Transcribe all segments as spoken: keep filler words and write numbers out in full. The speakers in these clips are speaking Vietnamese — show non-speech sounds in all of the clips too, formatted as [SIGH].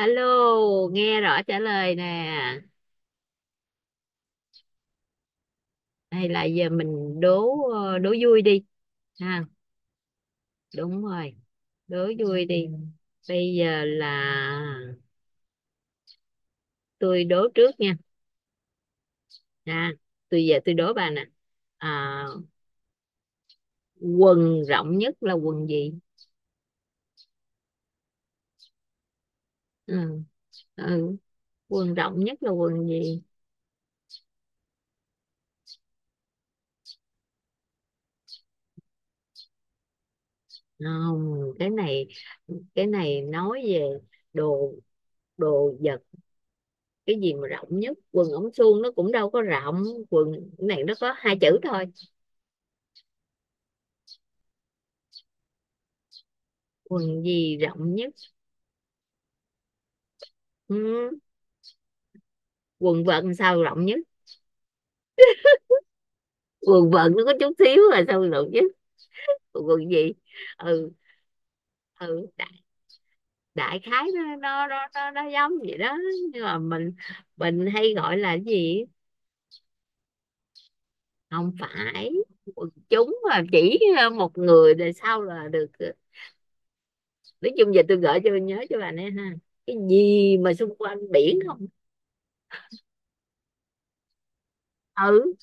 Alo, nghe rõ trả lời nè. Hay là giờ mình đố ờ, đố vui đi ha. Đúng rồi, đố vui đi. Bây giờ là tôi đố trước nha. Ha, tôi giờ tôi đố bà nè. À, quần rộng nhất là quần gì? Ừ, ừ, quần rộng nhất là quần gì? Không, cái này cái này nói về đồ đồ vật, cái gì mà rộng nhất? Quần ống suông nó cũng đâu có rộng. Quần, cái này nó có hai chữ thôi. Quần gì rộng nhất? Ừ. Quần vợt sao rộng nhất? Quần vợt nó có chút xíu là sao rộng nhất? Quần gì? Ừ. Ừ, đại, đại khái nó nó nó nó, nó giống vậy đó, nhưng mà mình mình hay gọi là cái gì? Không phải quần chúng, mà chỉ ờ, một người rồi sau là được. Nói chung giờ tôi gửi cho nhớ cho bà nè ha. Cái gì mà xung quanh biển không? Ừ,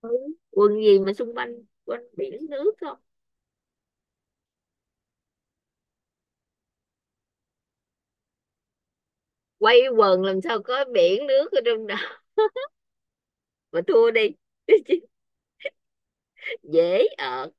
ừ. Quần gì mà xung quanh, quanh biển nước không? Quay quần làm sao có biển nước ở trong đó mà thua đi. [LAUGHS] Dễ ở.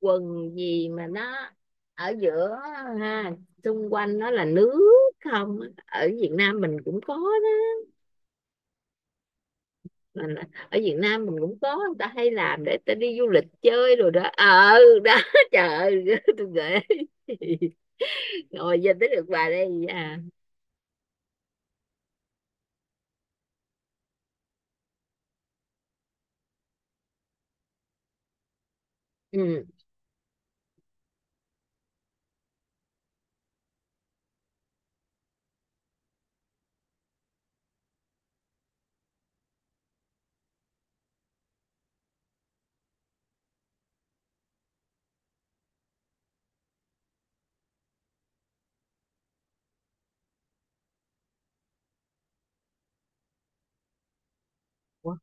Quần gì mà nó ở giữa ha, xung quanh nó là nước, không? Ở Việt Nam mình cũng có đó, mà ở Việt Nam mình cũng có, người ta hay làm để ta đi du lịch chơi rồi đó ờ đó. [LAUGHS] Trời ơi, tôi gửi ngồi giờ tới được bà đây à? Ừ. Ủa,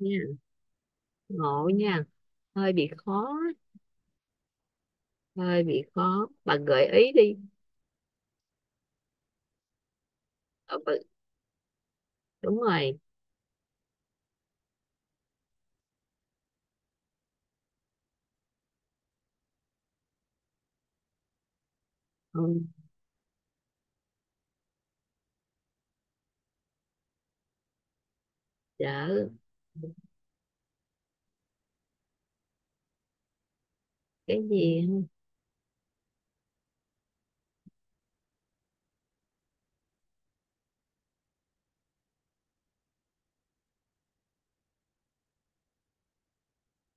nha, ngộ nha, hơi bị khó, hơi bị khó, bà gợi ý đi. ờ, bà, đúng rồi. Ừ, đỡ cái gì không?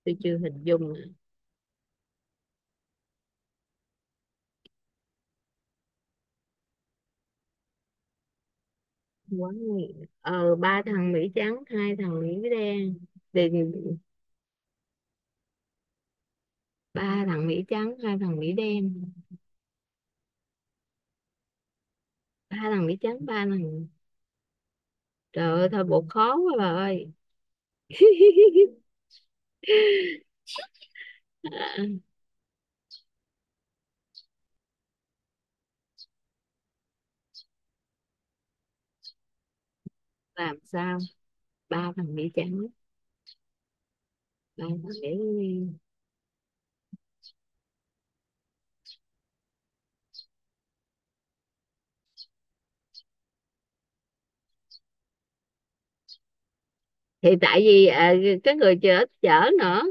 Tôi chưa hình dung. Quá nhiều. Ờ ba thằng Mỹ trắng hai thằng Mỹ đen thì ba thằng Mỹ trắng hai thằng Mỹ đen, ba thằng Mỹ trắng ba thằng. Trời ơi thôi bộ khó quá bà ơi. [LAUGHS] À, làm sao ba thằng Mỹ trắng ba thằng Mỹ, thì tại vì à, cái người chở chở nữa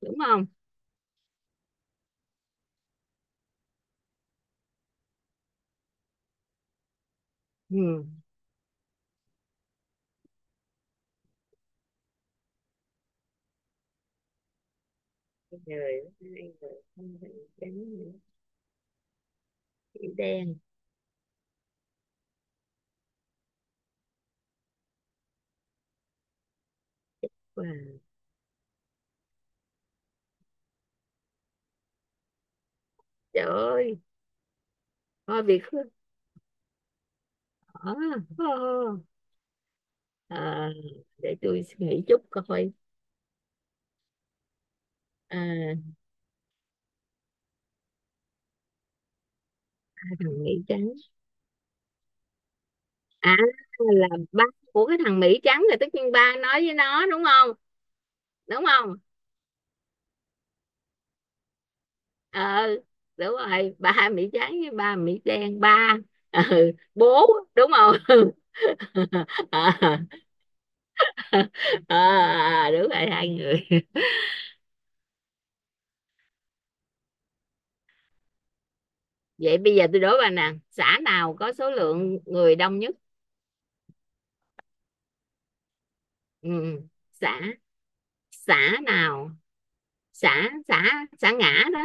đúng không? Ừ. Trời ơi, hai thằng Mỹ trắng, Mỹ đen. Wow. Trời ơi, thôi bị khứa hở. à, để tôi suy nghĩ chút coi. à, cái thằng Mỹ trắng, à, là ba của cái thằng Mỹ trắng, là tất nhiên ba nói với nó đúng không? Đúng không? ờ Đúng rồi, ba Mỹ trắng với ba Mỹ đen, ba. Ừ, bố, đúng không? [LAUGHS] à, à, Đúng rồi, hai người. Vậy bây giờ tôi đố bà nè, xã nào có số lượng người đông nhất? Ừ, xã xã nào, xã xã xã ngã đó.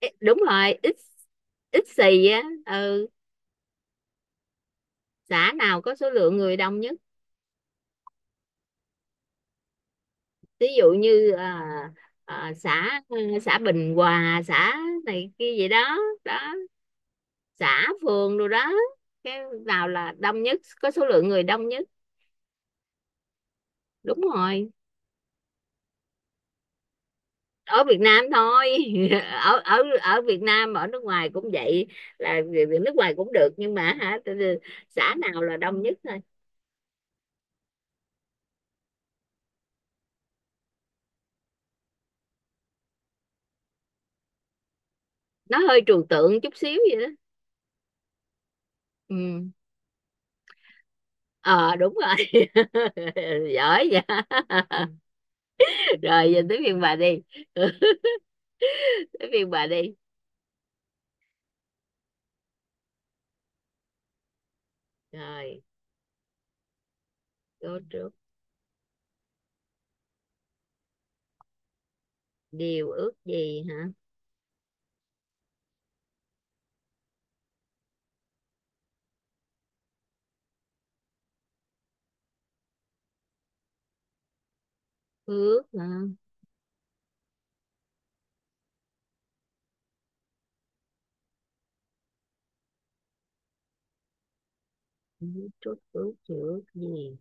Ê, đúng rồi, ít ít xì á, ừ, xã nào có số lượng người đông nhất? Ví dụ như à, à, xã, xã Bình Hòa, xã này kia vậy đó, đó, xã phường rồi đó. Cái nào là đông nhất, có số lượng người đông nhất? Đúng rồi, ở Việt Nam thôi. [LAUGHS] ở ở ở Việt Nam, ở nước ngoài cũng vậy, là người- người nước ngoài cũng được, nhưng mà hả, xã nào là đông nhất thôi. Nó hơi trừu tượng chút xíu vậy đó. Ừ. ờ Đúng rồi. [LAUGHS] Giỏi vậy. [LAUGHS] Rồi giờ tới phiên bà đi. [LAUGHS] Tới phiên bà đi. Rồi, cô trước. Điều ước gì hả? Phước hả? Chút ước gì, ước gì?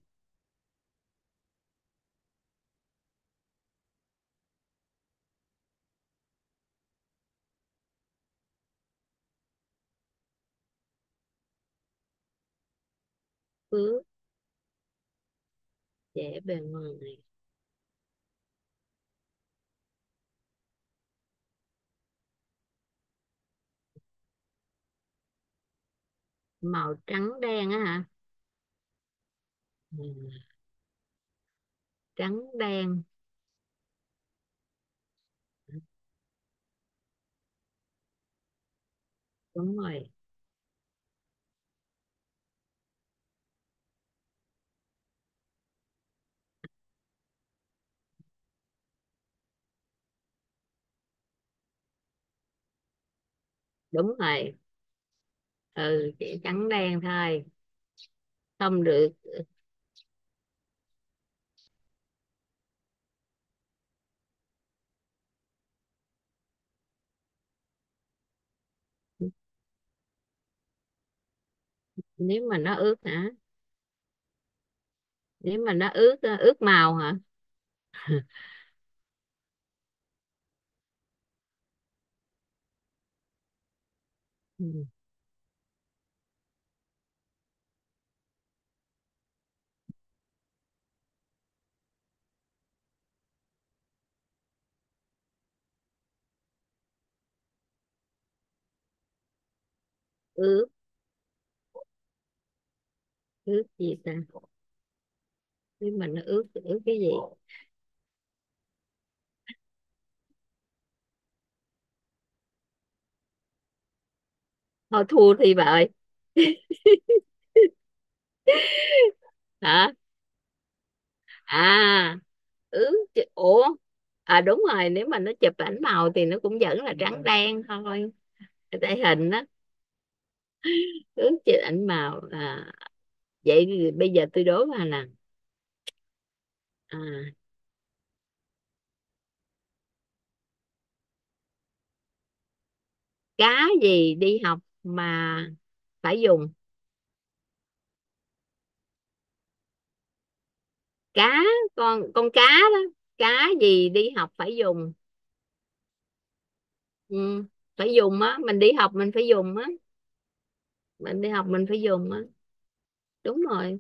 Phước. Dễ bề ngoài. Màu trắng đen á hả? Ừ. Trắng đen, đúng rồi, đúng rồi. Ừ, chỉ trắng đen thôi, không được. Nếu mà nó ướt hả? Nếu mà nó ướt, ướt màu hả? Ừ. Ướt, ướt gì ta? Nhưng mình nó ướt, ướt cái gì? Thôi thua thì bà ơi. Hả? À, ướt chứ- ủa. À, đúng rồi, nếu mà nó chụp ảnh màu thì nó cũng vẫn là trắng đen thôi. Tại hình đó. Ướt chụp ảnh màu à? Vậy thì bây giờ tôi đố bà nè, à, cá gì đi học mà phải dùng. Cá, con con cá đó, cá gì đi học phải dùng? Ừ, phải dùng á, mình đi học mình phải dùng á, mình đi học mình phải dùng á. Đúng rồi,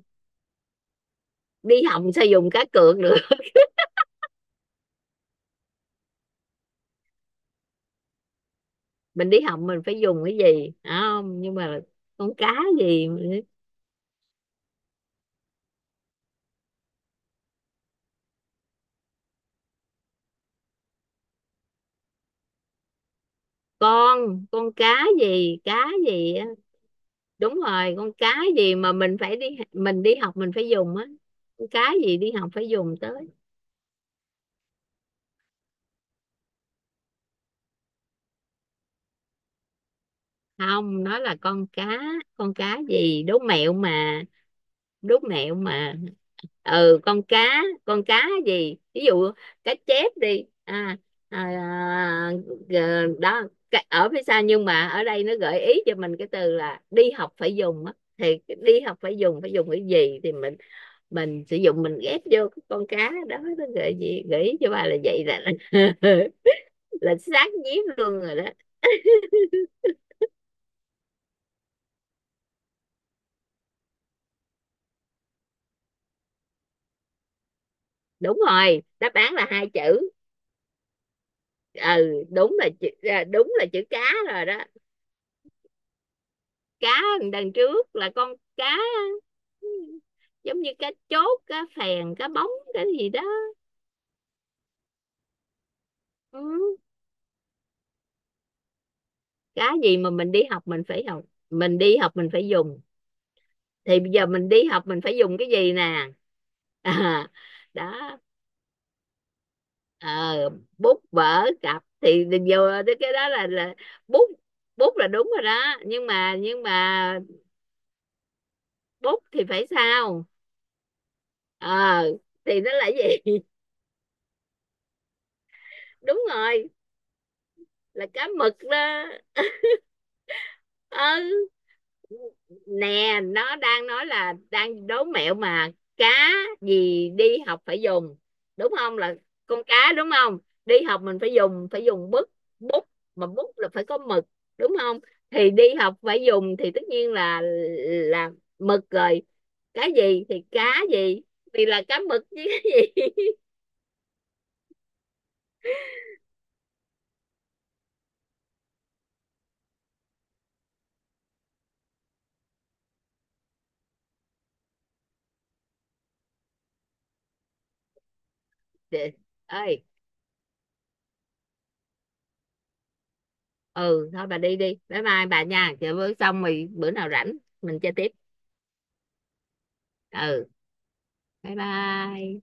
đi học sao dùng cá cược được? Mình đi học mình phải dùng cái gì, không nhưng mà, con cá gì, con con cá gì, cá gì á? Đúng rồi, con cá gì mà mình phải đi, mình đi học mình phải dùng á. Con cá gì đi học phải dùng tới? Không, nó là con cá, con cá gì, đố mẹo mà, đố mẹo mà. Ừ, con cá, con cá gì, ví dụ cá chép đi, à, à, ờ, đó. Cái- ở phía sau, nhưng mà ở đây nó gợi ý cho mình cái từ là đi học phải dùng á, thì cái đi học phải dùng, phải dùng cái gì thì mình mình sử dụng mình ghép vô cái con cá đó, nó gợi gì gợi ý cho bà là vậy là. [LAUGHS] Là sát nhiếp luôn rồi đó. Đúng rồi, đáp án là hai chữ. Ừ, đúng là chữ, à, đúng là chữ cá rồi đó. Cá đằng trước là con cá, giống như cá chốt cá phèn cá bóng cái gì đó. Ừ. Cá gì mà mình đi học mình phải học, mình đi học mình phải dùng? Thì bây giờ mình đi học mình phải dùng cái gì nè? à, Đó. ờ, Bút vở cặp thì vô, cái đó là là bút. Bút là đúng rồi đó, nhưng mà, nhưng mà bút thì phải sao? ờ à, thì nó là gì? [LAUGHS] Đúng rồi, là cá mực đó. Ừ, nè nó đang nói là đang đố mẹo mà, cá gì đi học phải dùng, đúng không, là con cá đúng không? Đi học mình phải dùng, phải dùng bút, bút mà bút là phải có mực, đúng không? Thì đi học phải dùng thì tất nhiên là là mực rồi. Cái gì thì cá gì, thì là cá mực chứ. [LAUGHS] Chị ơi, ừ thôi bà đi đi, bye bye bà nha, chờ bữa xong rồi bữa nào rảnh mình chơi tiếp. Ừ, bye bye.